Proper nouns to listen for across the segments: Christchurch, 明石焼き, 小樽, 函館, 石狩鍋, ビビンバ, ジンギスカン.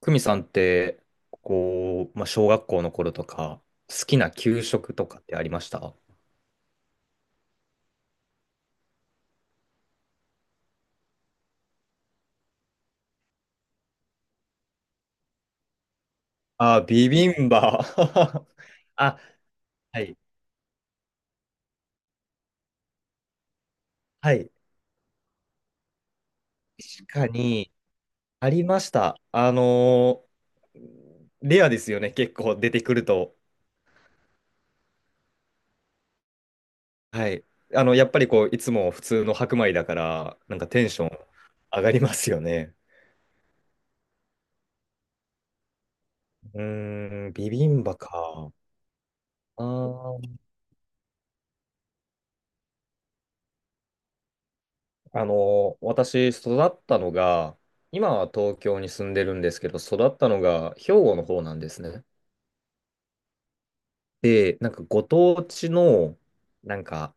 久美さんって、こう、まあ、小学校の頃とか、好きな給食とかってありました？あ、ビビンバ。あ、はい。はい。確かに、ありました。レアですよね、結構出てくると。はい。やっぱりこう、いつも普通の白米だから、なんかテンション上がりますよね。うーん、ビビンバか。あー私、育ったのが、今は東京に住んでるんですけど、育ったのが兵庫の方なんですね。で、なんかご当地の、なんか、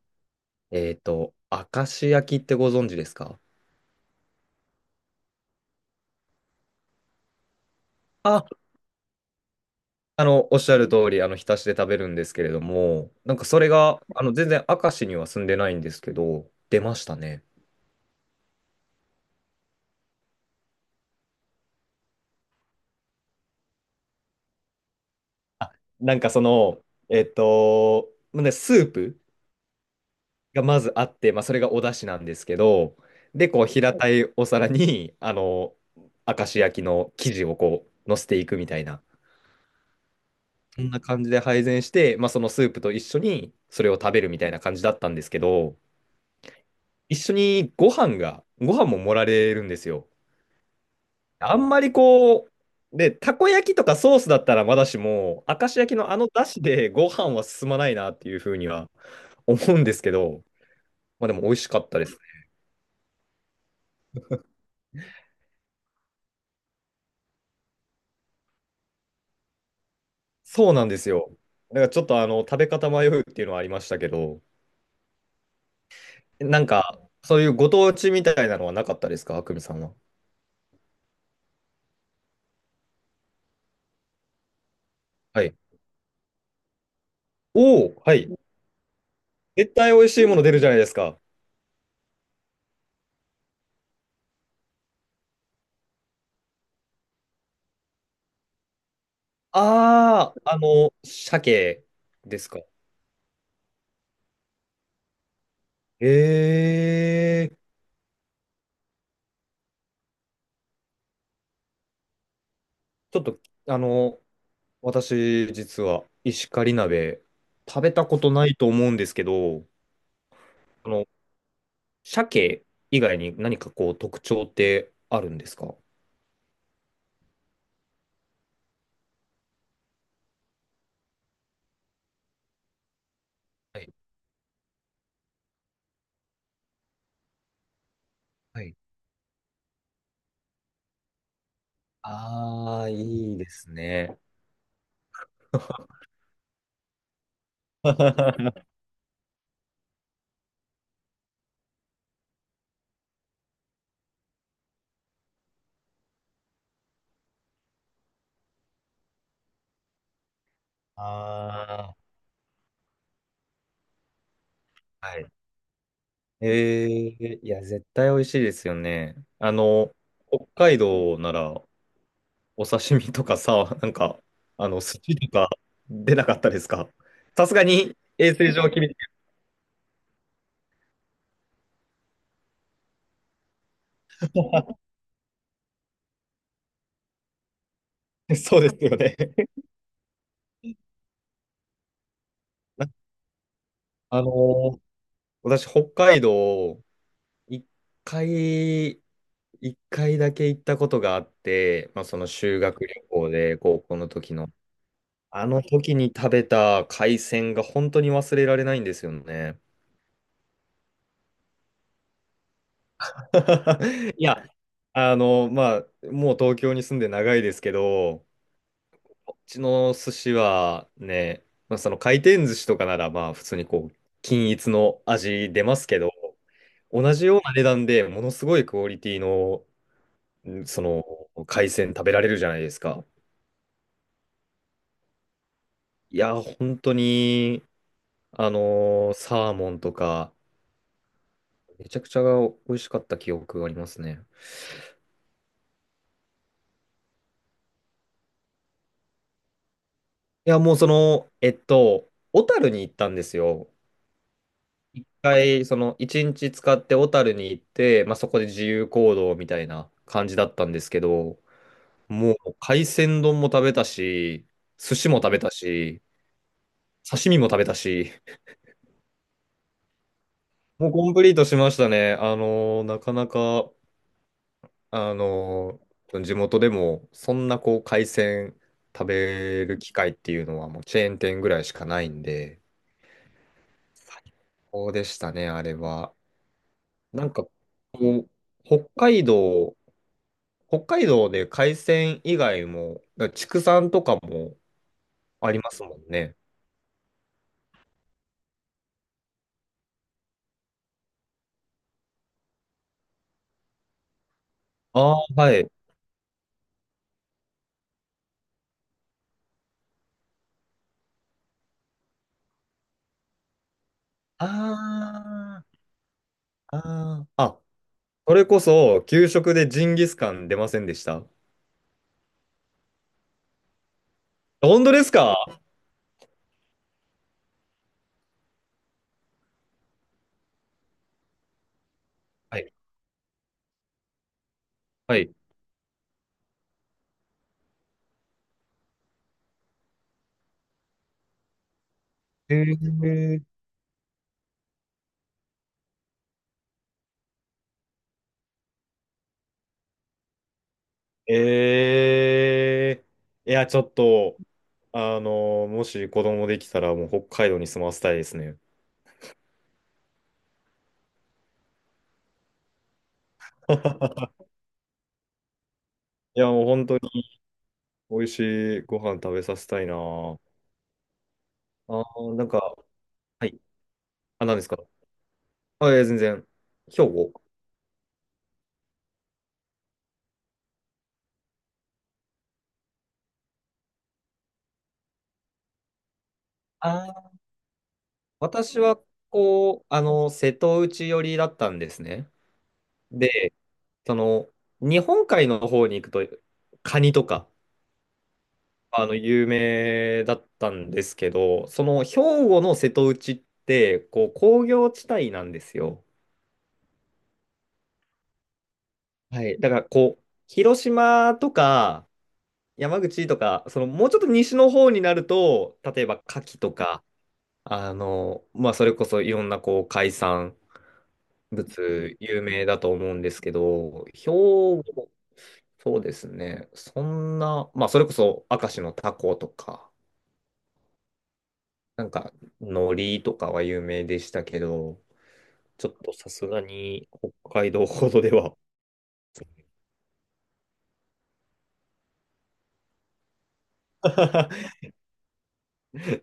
えっと、明石焼きってご存知ですか？あ、おっしゃる通り、浸しで食べるんですけれども、なんかそれが、全然明石には住んでないんですけど、出ましたね。あ、なんかその、まあね、スープがまずあって、まあ、それがお出汁なんですけど、で、こう、平たいお皿に、明石焼きの生地をこう、乗せていくみたいな、そんな感じで配膳して、まあ、そのスープと一緒にそれを食べるみたいな感じだったんですけど、一緒にご飯が、ご飯も盛られるんですよ。あんまりこう、で、たこ焼きとかソースだったらまだしも、明石焼きのあの出汁でご飯は進まないなっていうふうには思うんですけど、まあでも美味しかったです。そうなんですよ。だからちょっと食べ方迷うっていうのはありましたけど、なんかそういうご当地みたいなのはなかったですか、あくみさんは？はい。おお、はい。絶対美味しいもの出るじゃないですか。ああ、鮭ですか？ええ、ちょっと、あの、私、実は、石狩鍋、食べたことないと思うんですけど、あの、鮭以外に何かこう、特徴ってあるんですか？はい。はい。ああ、いいですね。ああ、はい。ええ、いや、絶対美味しいですよね。北海道なら、お刺身とかさ、なんか、寿司とか出なかったですか？さすがに衛生上厳しい。そうですよね。あの、私、北海道、一回、一回だけ行ったことがあって、まあ、その修学旅行で、高校の時の。あの時に食べた海鮮が本当に忘れられないんですよね。いや、まあ、もう東京に住んで長いですけど、こっちの寿司はね、まあ、その回転寿司とかなら、まあ、普通にこう、均一の味出ますけど、同じような値段でものすごいクオリティの、んその、海鮮食べられるじゃないですか。いや、本当に、サーモンとか、めちゃくちゃ美味しかった記憶がありますね。いや、もうその、小樽に行ったんですよ。一回、その、一日使って小樽に行って、まあ、そこで自由行動みたいな感じだったんですけど、もう、海鮮丼も食べたし、寿司も食べたし、刺身も食べたし、もうコンプリートしましたね。あのーなかなか、あのー地元でも、そんなこう、海鮮食べる機会っていうのは、もうチェーン店ぐらいしかないんで、そうでしたね、あれは。なんか、こう、北海道、北海道で海鮮以外も、だから畜産とかもありますもんね。ああ、はい。ああ、ああ。あ、それこそ、給食でジンギスカン出ませんでした？本当ですか？はい。はい。えー、えいや、ちょっと、もし子供できたら、もう北海道に住まわせたいですね。いや、もう本当に美味しいご飯食べさせたいな。あー、なんか、はい。あ、何ですか？あ、いや、全然。兵庫。あー、私は、こう、瀬戸内寄りだったんですね。で、その、日本海の方に行くと、カニとか、有名だったんですけど、その、兵庫の瀬戸内って、こう、工業地帯なんですよ。はい。だから、こう、広島とか、山口とか、その、もうちょっと西の方になると、例えば、牡蠣とか、まあ、それこそいろんなこう海産物有名だと思うんですけど、兵庫、そうですね。そんな、まあ、それこそ明石のタコとか、なんか、海苔とかは有名でしたけど、ちょっとさすがに北海道ほどでは。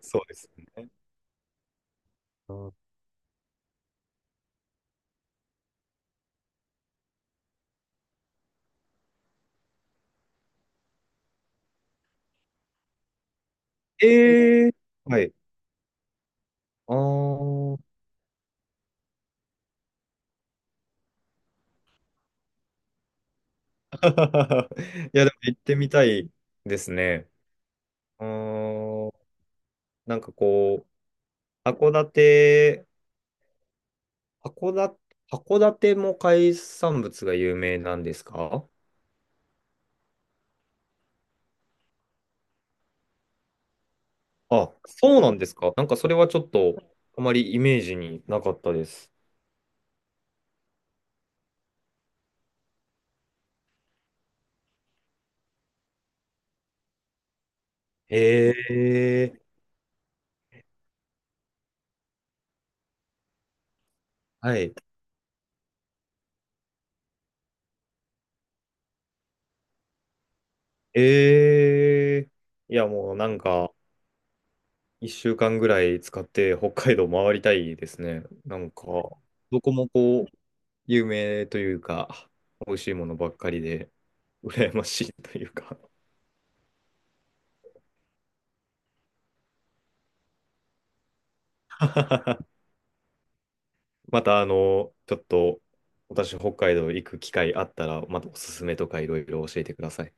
そうですね。ええー、はい。あー。 いや、でも行ってみたいですね。うーん、なんかこう、函館、函館も海産物が有名なんですか？あ、そうなんですか。なんかそれはちょっとあまりイメージになかったです。へえ、はい。ええ、いやもうなんか1週間ぐらい使って北海道回りたいですね。なんかどこもこう有名というか美味しいものばっかりで羨ましいというか。 また、ちょっと、私、北海道行く機会あったら、またおすすめとかいろいろ教えてください。